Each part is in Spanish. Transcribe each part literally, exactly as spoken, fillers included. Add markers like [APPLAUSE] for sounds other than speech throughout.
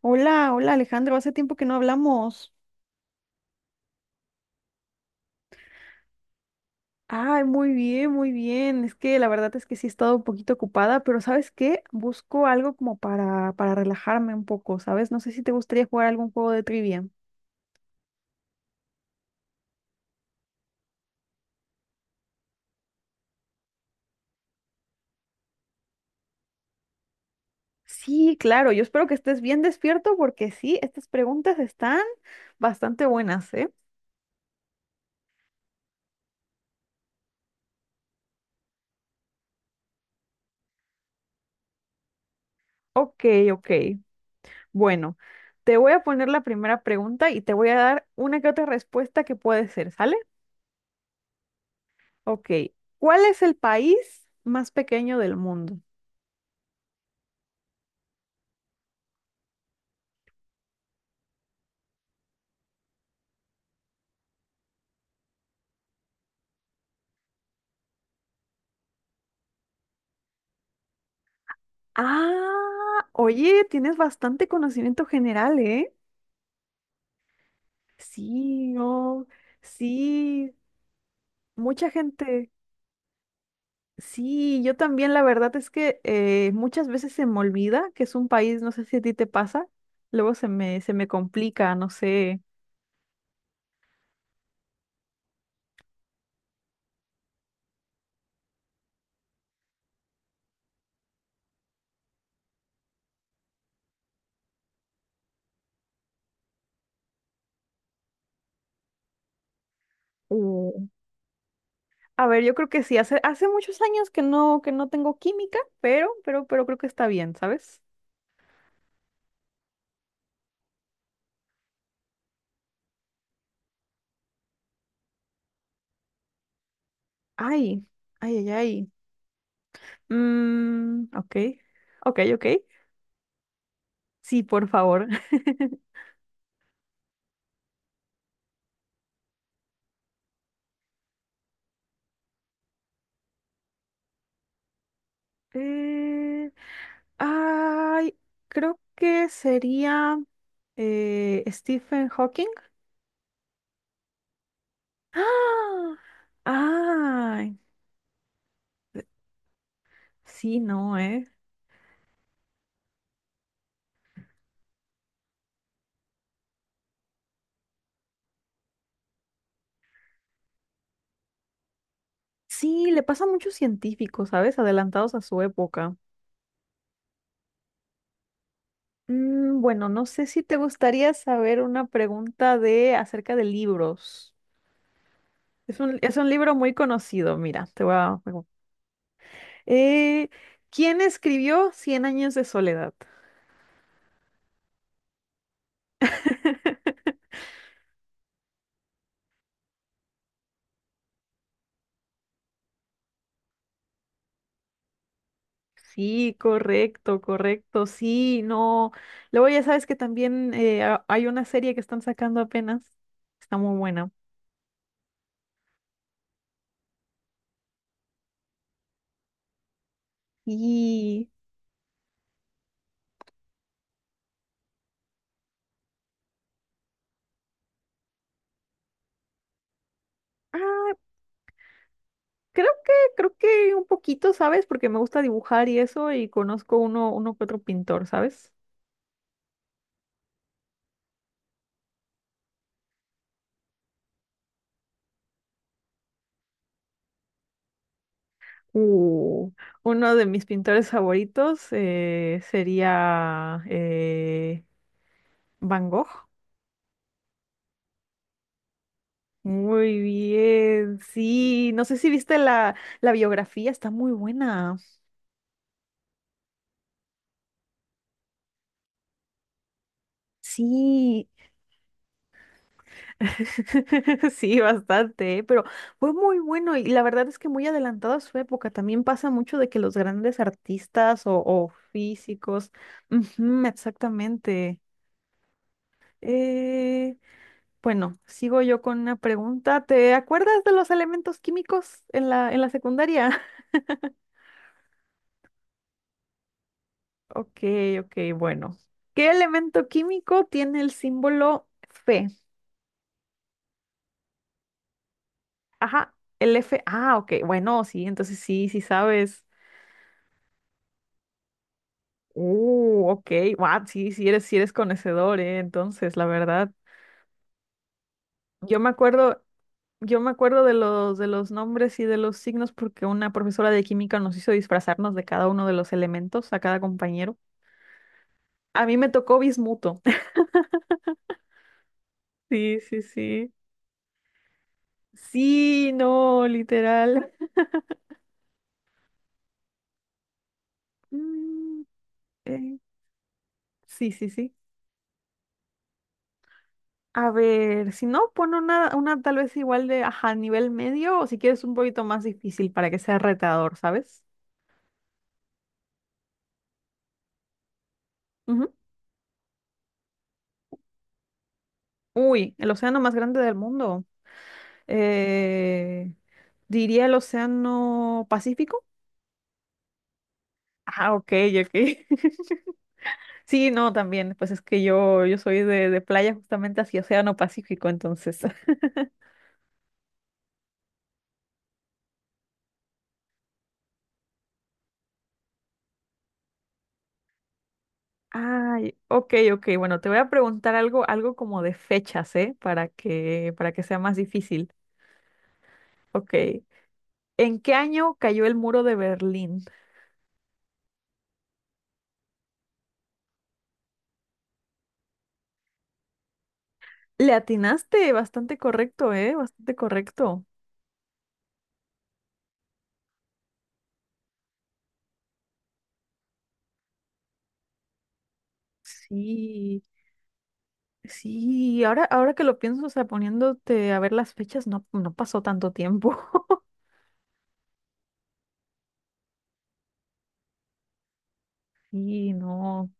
Hola, hola Alejandro, hace tiempo que no hablamos. Ay, muy bien, muy bien. Es que la verdad es que sí he estado un poquito ocupada, pero ¿sabes qué? Busco algo como para, para relajarme un poco, ¿sabes? No sé si te gustaría jugar algún juego de trivia. Sí, claro, yo espero que estés bien despierto porque sí, estas preguntas están bastante buenas, ¿eh? Ok, ok. Bueno, te voy a poner la primera pregunta y te voy a dar una que otra respuesta que puede ser, ¿sale? Ok. ¿Cuál es el país más pequeño del mundo? Ah, oye, tienes bastante conocimiento general, ¿eh? Sí, no, sí, mucha gente. Sí, yo también, la verdad es que eh, muchas veces se me olvida que es un país, no sé si a ti te pasa, luego se me, se me complica, no sé. Mm. A ver, yo creo que sí, hace, hace muchos años que no, que no tengo química, pero, pero, pero creo que está bien, ¿sabes? Ay, ay, ay, ay. Mm, ok, ok, ok. Sí, por favor. [LAUGHS] Eh, ay, creo que sería eh, Stephen Hawking. ¡Ah! Ay, sí, no, ¿eh? Sí, le pasa a muchos científicos, ¿sabes? Adelantados a su época. Mm, bueno, no sé si te gustaría saber una pregunta de acerca de libros. Es un, es un libro muy conocido, mira, te voy a... pregun- Eh, ¿Quién escribió Cien años de soledad? [LAUGHS] Sí, correcto, correcto, sí, no. Luego ya sabes que también eh, ha- hay una serie que están sacando apenas. Está muy buena. Y ah, creo que, creo que un poquito, ¿sabes? Porque me gusta dibujar y eso, y conozco uno, uno que otro pintor, ¿sabes? Uh, Uno de mis pintores favoritos eh, sería eh, Van Gogh. Muy bien, sí. No sé si viste la, la biografía, está muy buena. Sí, [LAUGHS] sí, bastante, ¿eh? Pero fue muy bueno y la verdad es que muy adelantado a su época. También pasa mucho de que los grandes artistas o, o físicos, ujú, exactamente. Eh, bueno, sigo yo con una pregunta. ¿Te acuerdas de los elementos químicos en la, en la secundaria? [LAUGHS] Ok, ok, bueno. ¿Qué elemento químico tiene el símbolo Fe? Ajá, el F. Ah, ok, bueno, sí, entonces sí, sí sabes. Uh, ok, wow, sí, sí eres, sí eres conocedor, eh, entonces, la verdad. Yo me acuerdo, yo me acuerdo de los, de los nombres y de los signos porque una profesora de química nos hizo disfrazarnos de cada uno de los elementos, a cada compañero. A mí me tocó bismuto. [LAUGHS] Sí, sí, sí. Sí, no, literal. [LAUGHS] Mm, eh, sí, sí, sí. A ver, si no, pon una, una tal vez igual de, ajá, nivel medio o si quieres un poquito más difícil para que sea retador, ¿sabes? Uy, el océano más grande del mundo. Eh, Diría el océano Pacífico. Ah, ok, ok. [LAUGHS] Sí, no, también. Pues es que yo, yo soy de, de playa justamente hacia océano Pacífico, entonces. [LAUGHS] Ay, ok, ok. Bueno, te voy a preguntar algo, algo como de fechas, ¿eh? Para que, para que sea más difícil. Ok. ¿En qué año cayó el muro de Berlín? Le atinaste, bastante correcto, ¿eh? Bastante correcto. Sí. Sí, ahora, ahora que lo pienso, o sea, poniéndote a ver las fechas, no, no pasó tanto tiempo. [LAUGHS] Y no,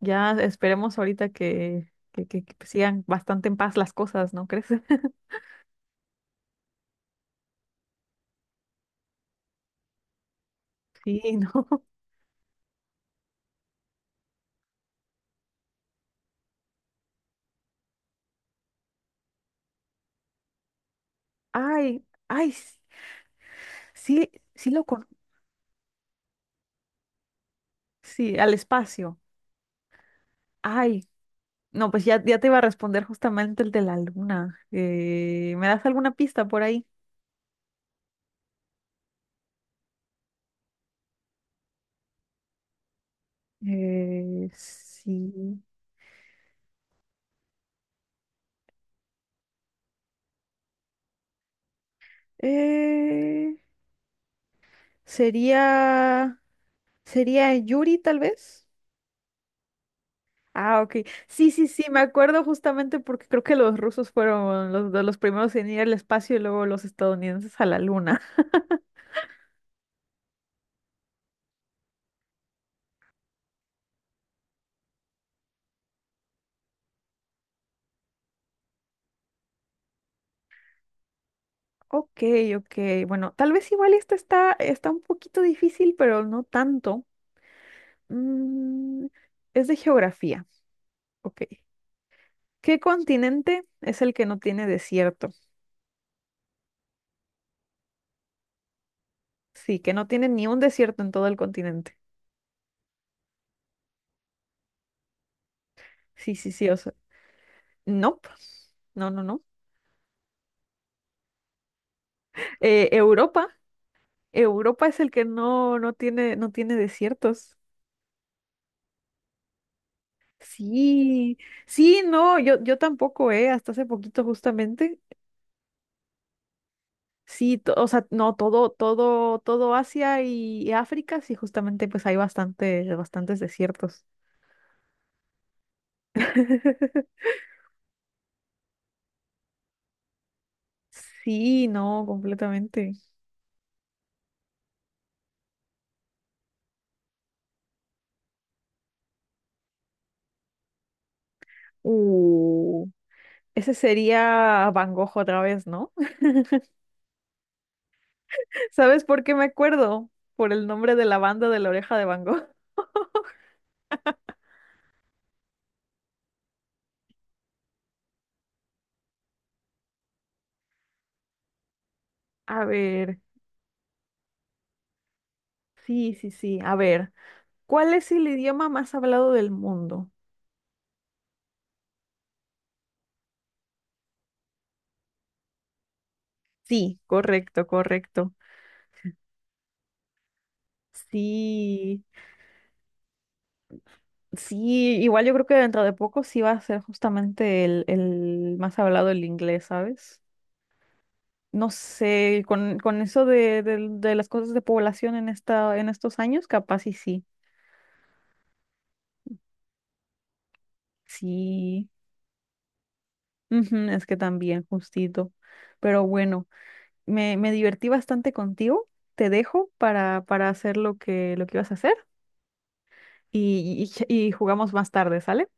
ya esperemos ahorita que, que, que- que sigan bastante en paz las cosas, ¿no crees? [LAUGHS] Sí, no. Ay, ay, s- sí, sí lo con... Sí, al espacio. Ay, no, pues ya, ya te iba a responder justamente el de la luna. Eh, ¿me das alguna pista por ahí? Eh, sí. Eh, sería. ¿Sería Yuri, tal vez? Ah, ok. Sí, sí, sí, me acuerdo justamente porque creo que los rusos fueron los, de los primeros en ir al espacio y luego los estadounidenses a la luna. [LAUGHS] Ok, ok. Bueno, tal vez igual esta está, está un poquito difícil, pero no tanto. Mm, es de geografía. Ok. ¿Qué continente es el que no tiene desierto? Sí, que no tiene ni un desierto en todo el continente. Sí, sí, sí, o sea, nope. No, no, no. Eh, Europa. Europa es el que no, no tiene, no tiene desiertos. Sí, sí, no, yo, yo tampoco, eh, hasta hace poquito justamente. Sí, to- o sea, no, todo, todo, todo Asia y, y África, sí, justamente pues hay bastante, bastantes desiertos. [LAUGHS] Sí, no, completamente. Uh, Ese sería Van Gogh otra vez, ¿no? [LAUGHS] ¿Sabes por qué me acuerdo? Por el nombre de la banda de la oreja de Van Gogh. [LAUGHS] A ver, sí, sí, sí, a ver. ¿Cuál es el idioma más hablado del mundo? Sí. Correcto, correcto. Sí, sí, igual yo creo que dentro de poco sí va a ser justamente el, el más hablado el inglés, ¿sabes? No sé, con, con eso de, del- de las cosas de población en esta, en estos años, capaz y sí. Sí, ujú, es que también, justito. Pero bueno, me, me divertí bastante contigo. Te dejo para, para hacer lo que, lo que ibas a hacer y, y y jugamos más tarde, ¿sale?